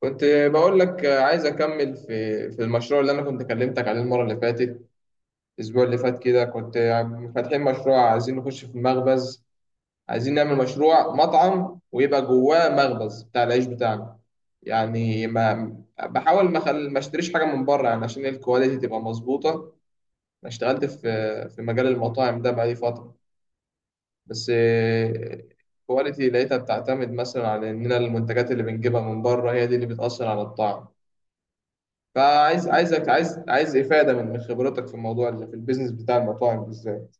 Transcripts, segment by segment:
كنت بقول لك عايز اكمل في المشروع اللي انا كنت كلمتك عليه المره اللي فاتت. الاسبوع اللي فات كده كنت فاتحين مشروع، عايزين نخش في مخبز. عايزين نعمل مشروع مطعم ويبقى جواه مخبز بتاع العيش بتاعنا. يعني ما بحاول ما اشتريش حاجه من بره، يعني عشان الكواليتي تبقى مظبوطه. انا اشتغلت في مجال المطاعم ده بقالي فتره. بس الكواليتي لقيتها بتعتمد مثلا على اننا المنتجات اللي بنجيبها من بره هي دي اللي بتاثر على الطعم. فعايز عايزك عايز عايز إفادة من خبرتك في الموضوع اللي في البيزنس بتاع المطاعم بالذات.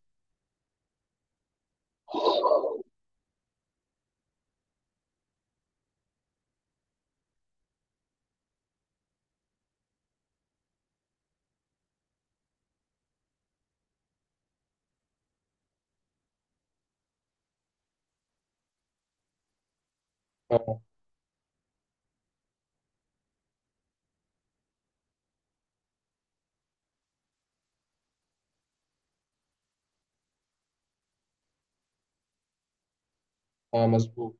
اه، اه، مظبوط.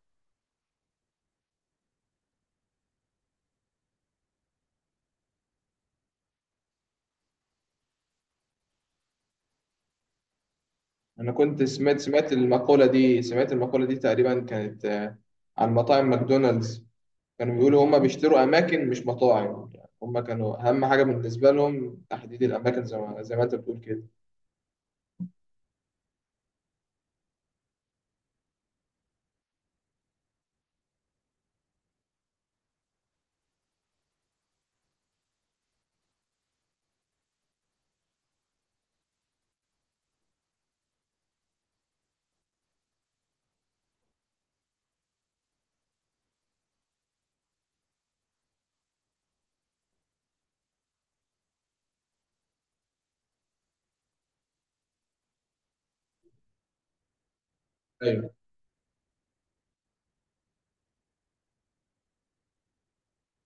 أنا كنت سمعت المقولة دي تقريبا، كانت عن مطاعم ماكدونالدز. كانوا بيقولوا هما بيشتروا أماكن مش مطاعم، يعني هما كانوا أهم حاجة بالنسبة لهم تحديد الأماكن زي ما أنت بتقول كده. أيوه،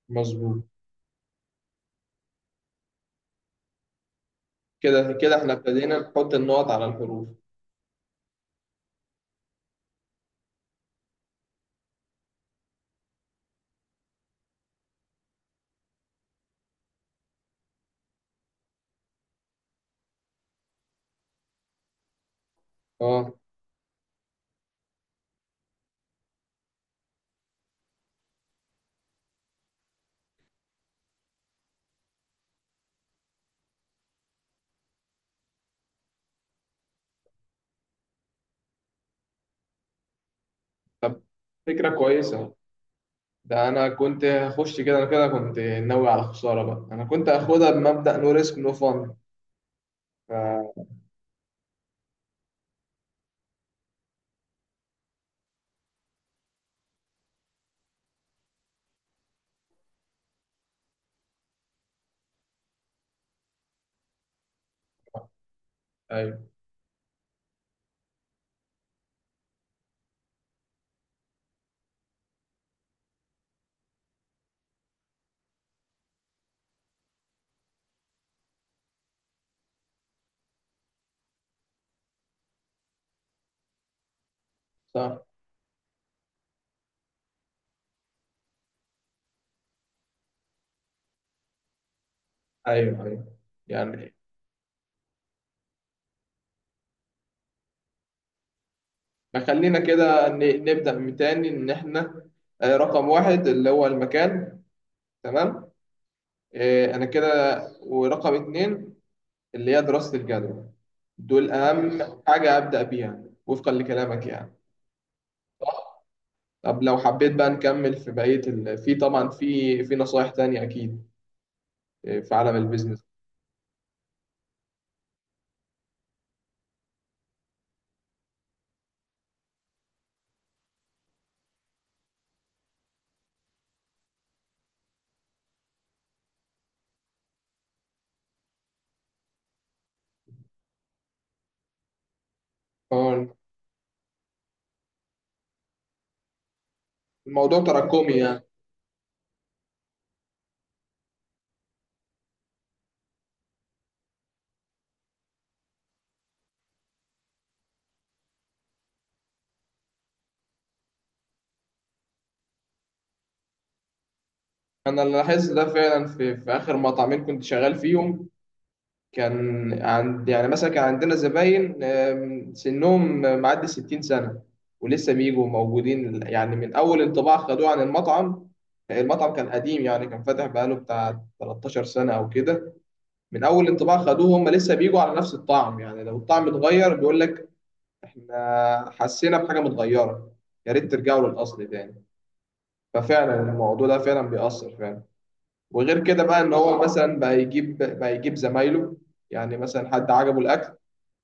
مظبوط. كده إحنا ابتدينا نحط النقط على الحروف. اه، طب فكرة كويسة. ده انا كنت هخش كده، انا كده كنت ناوي على خساره بقى، انا كنت هاخدها بمبدأ نو ريسك نو فان. ف... ايوه، صح، ايوه، ايوه. يعني فخلينا كده نبدأ من تاني ان احنا رقم واحد اللي هو المكان. تمام. انا كده، ورقم اتنين اللي هي دراسة الجدوى، دول اهم حاجة أبدأ بيها وفقا لكلامك يعني. طب لو حبيت بقى نكمل في بقية في طبعا في نصايح تانية أكيد في عالم البيزنس. الموضوع تراكمي يعني. انا اللي لاحظت ده فعلا في اخر مطعمين كنت شغال فيهم. كان عند يعني مثلا كان عندنا زباين سنهم معدي 60 سنه ولسه بيجوا موجودين، يعني من اول انطباع خدوه عن المطعم. المطعم كان قديم، يعني كان فاتح بقاله بتاع 13 سنه او كده. من اول انطباع خدوه هم لسه بيجوا على نفس الطعم، يعني لو الطعم اتغير بيقول لك احنا حسينا بحاجه متغيره، يا ريت ترجعوا للاصل تاني. ففعلا الموضوع ده فعلا بيأثر فعلا. وغير كده بقى ان هو مثلا بقى يجيب زمايله. يعني مثلا حد عجبه الاكل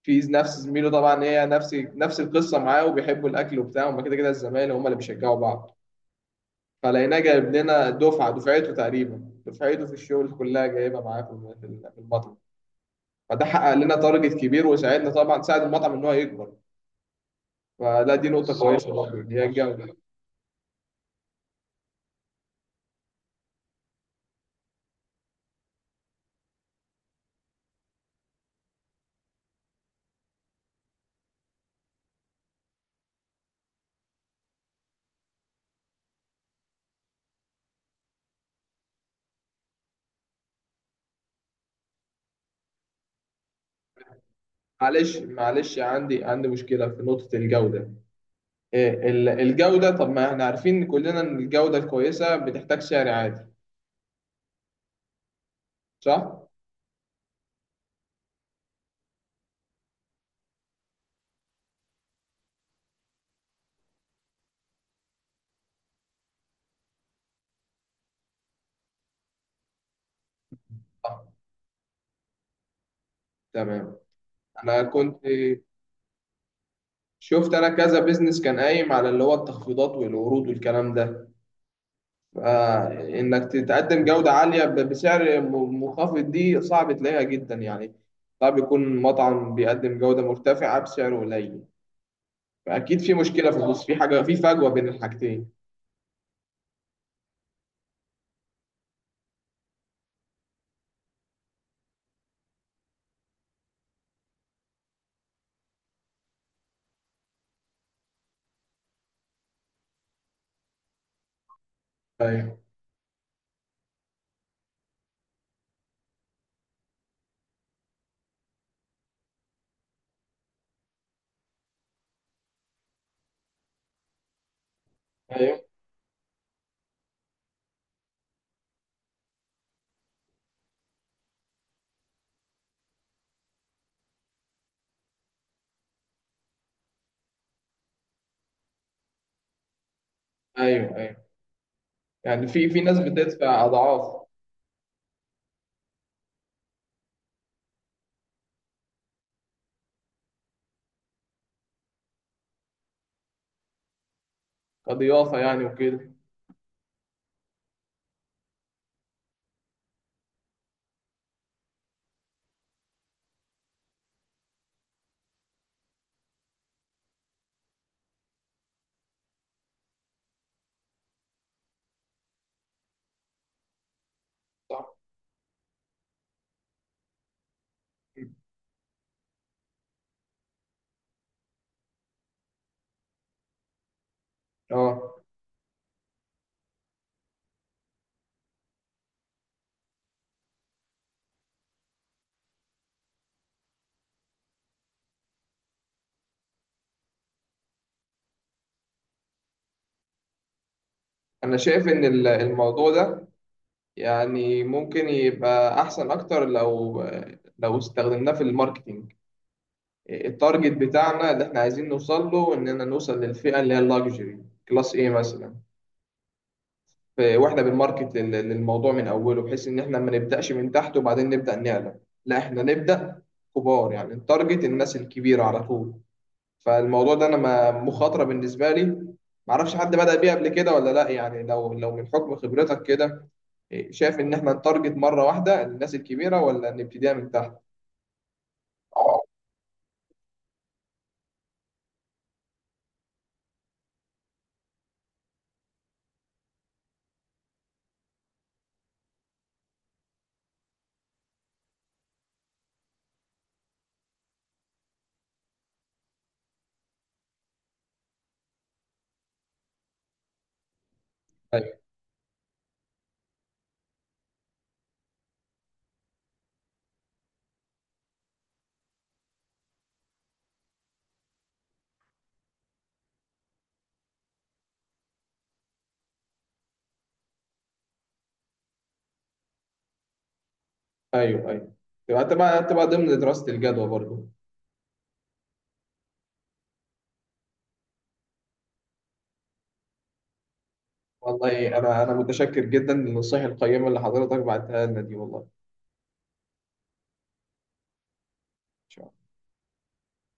في نفس زميله، طبعا هي نفس القصه معاه وبيحبوا الاكل وبتاع، هما كده الزمايل هما اللي بيشجعوا بعض. فلقيناه جايب لنا دفعته تقريبا، دفعته في الشغل كلها جايبها معاه في في المطعم. فده حقق لنا تارجت كبير وساعدنا، طبعا ساعد المطعم ان هو يكبر. فلا، دي نقطه كويسه برضه اللي هي الجوده. معلش عندي مشكله في نقطه الجوده. إيه، الجودة، طب ما احنا عارفين كلنا ان الجودة الكويسة بتحتاج سعر عادي، صح؟ آه، تمام. انا كنت شفت انا كذا بيزنس كان قايم على اللي هو التخفيضات والعروض والكلام ده. فانك تتقدم جودة عالية بسعر منخفض دي صعب تلاقيها جدا يعني. صعب يكون مطعم بيقدم جودة مرتفعة بسعر قليل. فاكيد في مشكلة في النص، في حاجة، في فجوة بين الحاجتين. ايوه، ايوه، ايوه، ايوه. يعني في ناس بتدفع اضعاف. كضيافة يعني وكده. صح، اه. انا شايف ان الموضوع ده يعني ممكن يبقى احسن اكتر لو استخدمناه في الماركتينج. التارجت بتاعنا اللي احنا عايزين نوصل له اننا نوصل للفئة اللي هي اللاكجري كلاس ايه مثلا. واحنا بنماركت للموضوع من اوله، بحيث ان احنا ما نبداش من تحت وبعدين نبدا نعلى. لا، احنا نبدا كبار، يعني التارجت الناس الكبيرة على طول. فالموضوع ده انا مخاطره بالنسبه لي. معرفش حد بدأ بيه قبل كده ولا لا، يعني لو من حكم خبرتك كده إيه، شايف ان احنا نتارجت مره واحده الناس الكبيره ولا نبتديها من تحت. ايوه، ايوه، ايوه. تبقى ضمن دراسه الجدوى برضو. والله، انا متشكر جدا للنصائح القيمه اللي حضرتك بعتها لنا دي والله. إن شاء الله.